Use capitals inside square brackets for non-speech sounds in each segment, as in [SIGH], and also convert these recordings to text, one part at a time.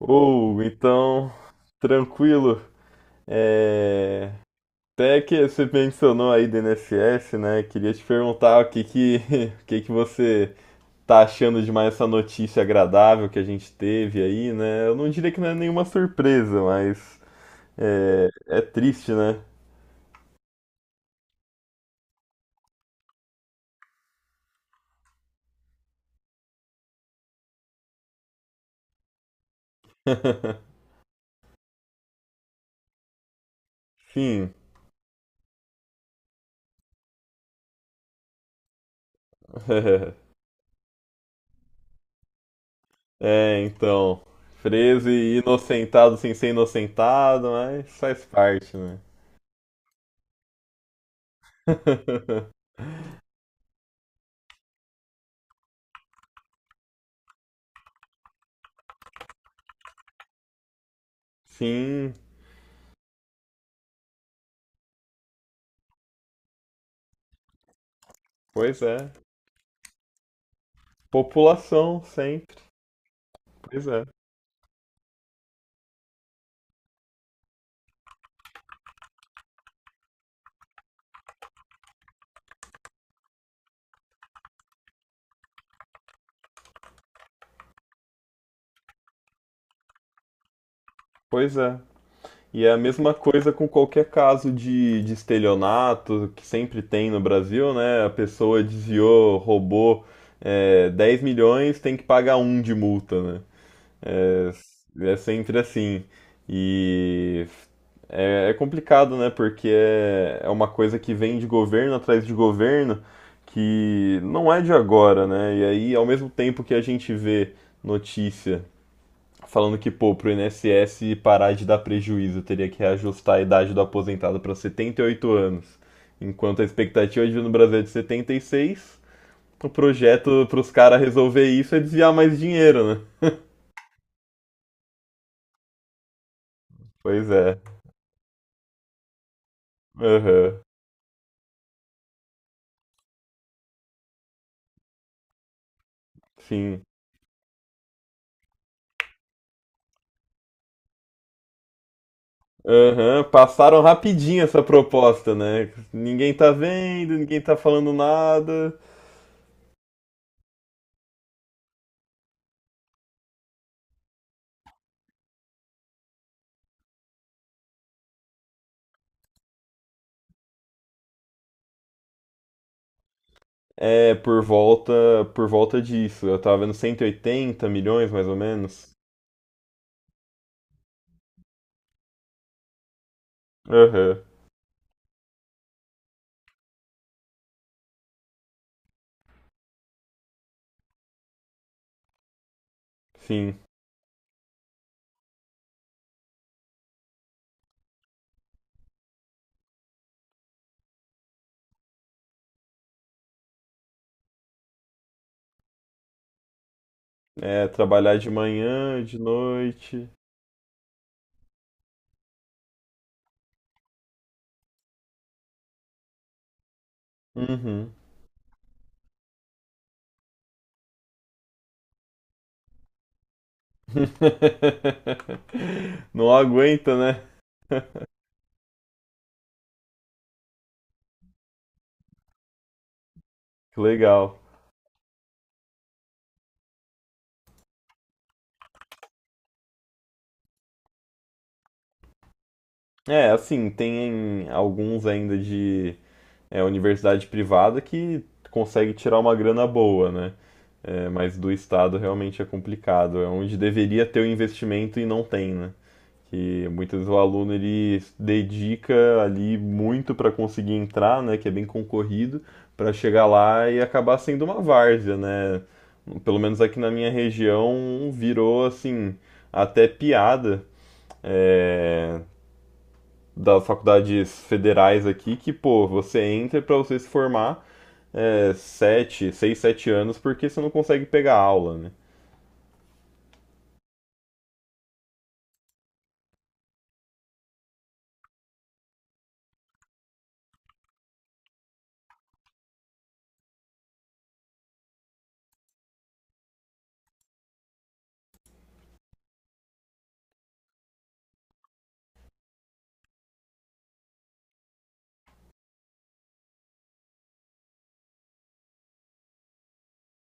Ou então, tranquilo. É... Até que você mencionou aí do INSS, né? Queria te perguntar [LAUGHS] o que que você tá achando de mais essa notícia agradável que a gente teve aí, né? Eu não diria que não é nenhuma surpresa, mas é, é triste, né? [LAUGHS] Sim. [LAUGHS] É, então, preso e inocentado sem ser inocentado, mas faz parte, né? [LAUGHS] Sim, pois é. População, sempre. Pois é, pois é. E é a mesma coisa com qualquer caso de estelionato que sempre tem no Brasil, né? A pessoa desviou, roubou 10 milhões, tem que pagar um de multa, né? É, é sempre assim. E é complicado, né? Porque é uma coisa que vem de governo atrás de governo que não é de agora, né? E aí, ao mesmo tempo que a gente vê notícia falando que, pô, pro INSS parar de dar prejuízo, teria que reajustar a idade do aposentado para 78 anos. Enquanto a expectativa de vida no Brasil é de 76. O projeto para os caras resolver isso é desviar mais dinheiro, né? Pois é. Aham. Sim. Aham. Passaram rapidinho essa proposta, né? Ninguém tá vendo, ninguém tá falando nada. É, por volta, por volta disso. Eu tava vendo 180 milhões, mais ou menos. Aham. Sim. É, trabalhar de manhã, de noite. Uhum. [LAUGHS] Não aguenta, né? Que legal. É, assim, tem alguns ainda de universidade privada que consegue tirar uma grana boa, né? É, mas do Estado realmente é complicado. É onde deveria ter o investimento e não tem, né? Que muitas vezes o aluno ele dedica ali muito para conseguir entrar, né, que é bem concorrido, para chegar lá e acabar sendo uma várzea, né? Pelo menos aqui na minha região virou assim até piada é, das faculdades federais aqui que pô você entra para você se formar seis, sete anos porque você não consegue pegar aula, né?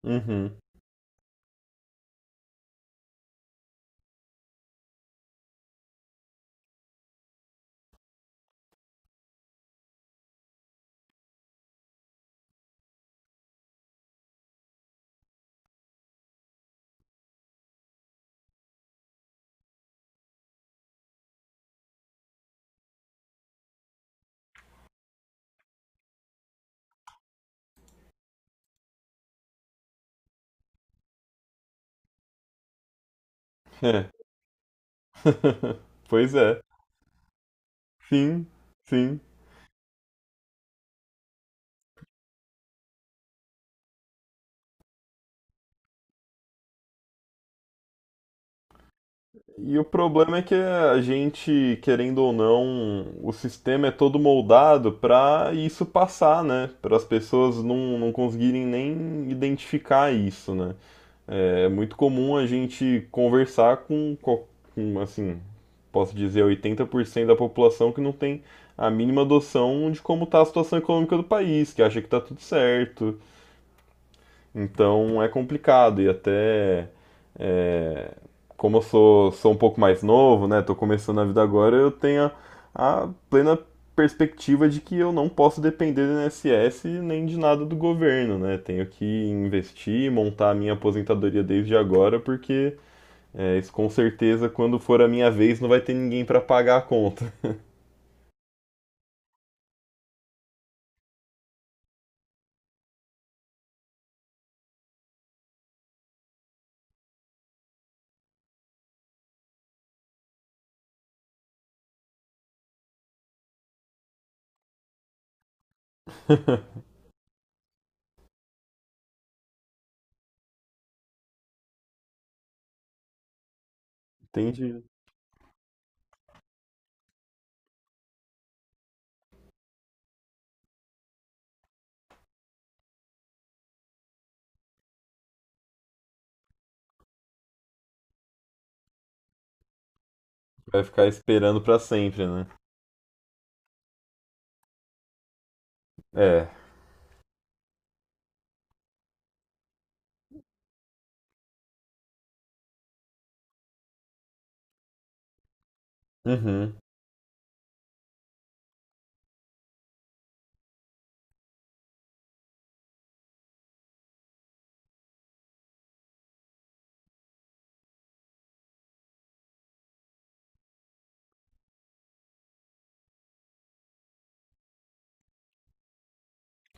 Uhum. É. [LAUGHS] pois é. Sim, sim. E o problema é que a gente, querendo ou não, o sistema é todo moldado para isso passar, né? Para as pessoas não conseguirem nem identificar isso, né? É muito comum a gente com, assim, posso dizer, 80% da população que não tem a mínima noção de como está a situação econômica do país, que acha que está tudo certo, então é complicado e até é, como eu sou um pouco mais novo, né? Tô começando a vida agora, eu tenho a plena perspectiva de que eu não posso depender do INSS nem de nada do governo, né? Tenho que investir, montar a minha aposentadoria desde agora, porque isso com certeza quando for a minha vez não vai ter ninguém para pagar a conta. [LAUGHS] Entendi. Vai ficar esperando para sempre, né? É. Uhum.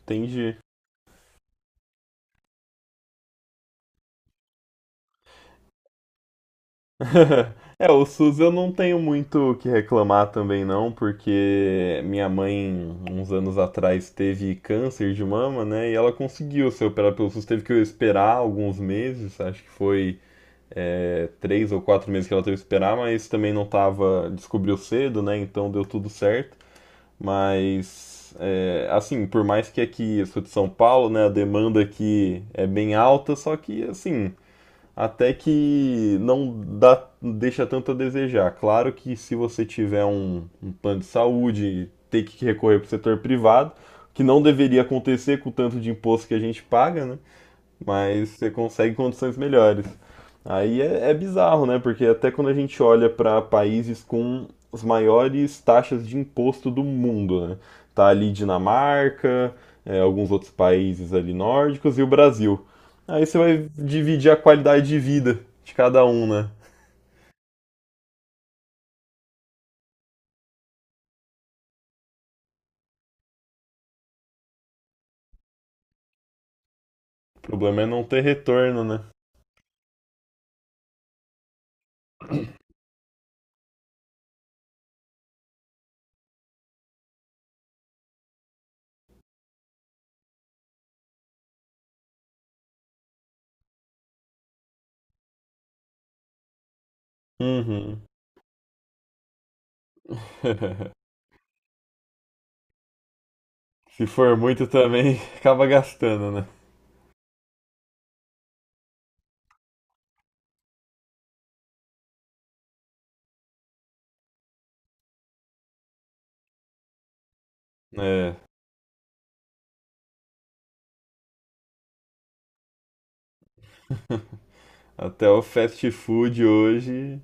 Entendi. [LAUGHS] É, o SUS eu não tenho muito o que reclamar também não, porque minha mãe, uns anos atrás, teve câncer de mama, né? E ela conseguiu ser operada pelo SUS, teve que esperar alguns meses, acho que foi três ou quatro meses que ela teve que esperar, mas também não tava, descobriu cedo, né? Então deu tudo certo. Mas, é, assim, por mais que aqui eu sou de São Paulo, né? A demanda aqui é bem alta, só que, assim até que não dá, deixa tanto a desejar. Claro que se você tiver um plano de saúde, ter que recorrer para o setor privado, que não deveria acontecer com o tanto de imposto que a gente paga, né? Mas você consegue condições melhores. Aí é bizarro, né? Porque até quando a gente olha para países com as maiores taxas de imposto do mundo, né? Tá ali Dinamarca, é, alguns outros países ali nórdicos e o Brasil. Aí você vai dividir a qualidade de vida de cada um, né? O problema é não ter retorno, né? Uhum. [LAUGHS] Se for muito também, [LAUGHS] acaba gastando, né? É, até o fast food hoje,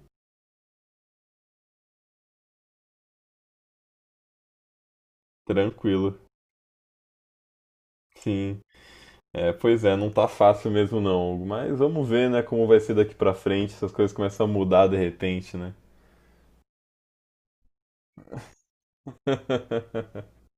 tranquilo. Sim. É, pois é, não tá fácil mesmo não, Hugo. Mas vamos ver, né, como vai ser daqui pra frente, se as coisas começam a mudar de repente, né? [LAUGHS]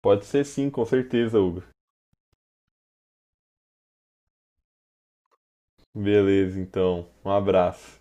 Pode ser sim, com certeza, Hugo. Beleza, então. Um abraço.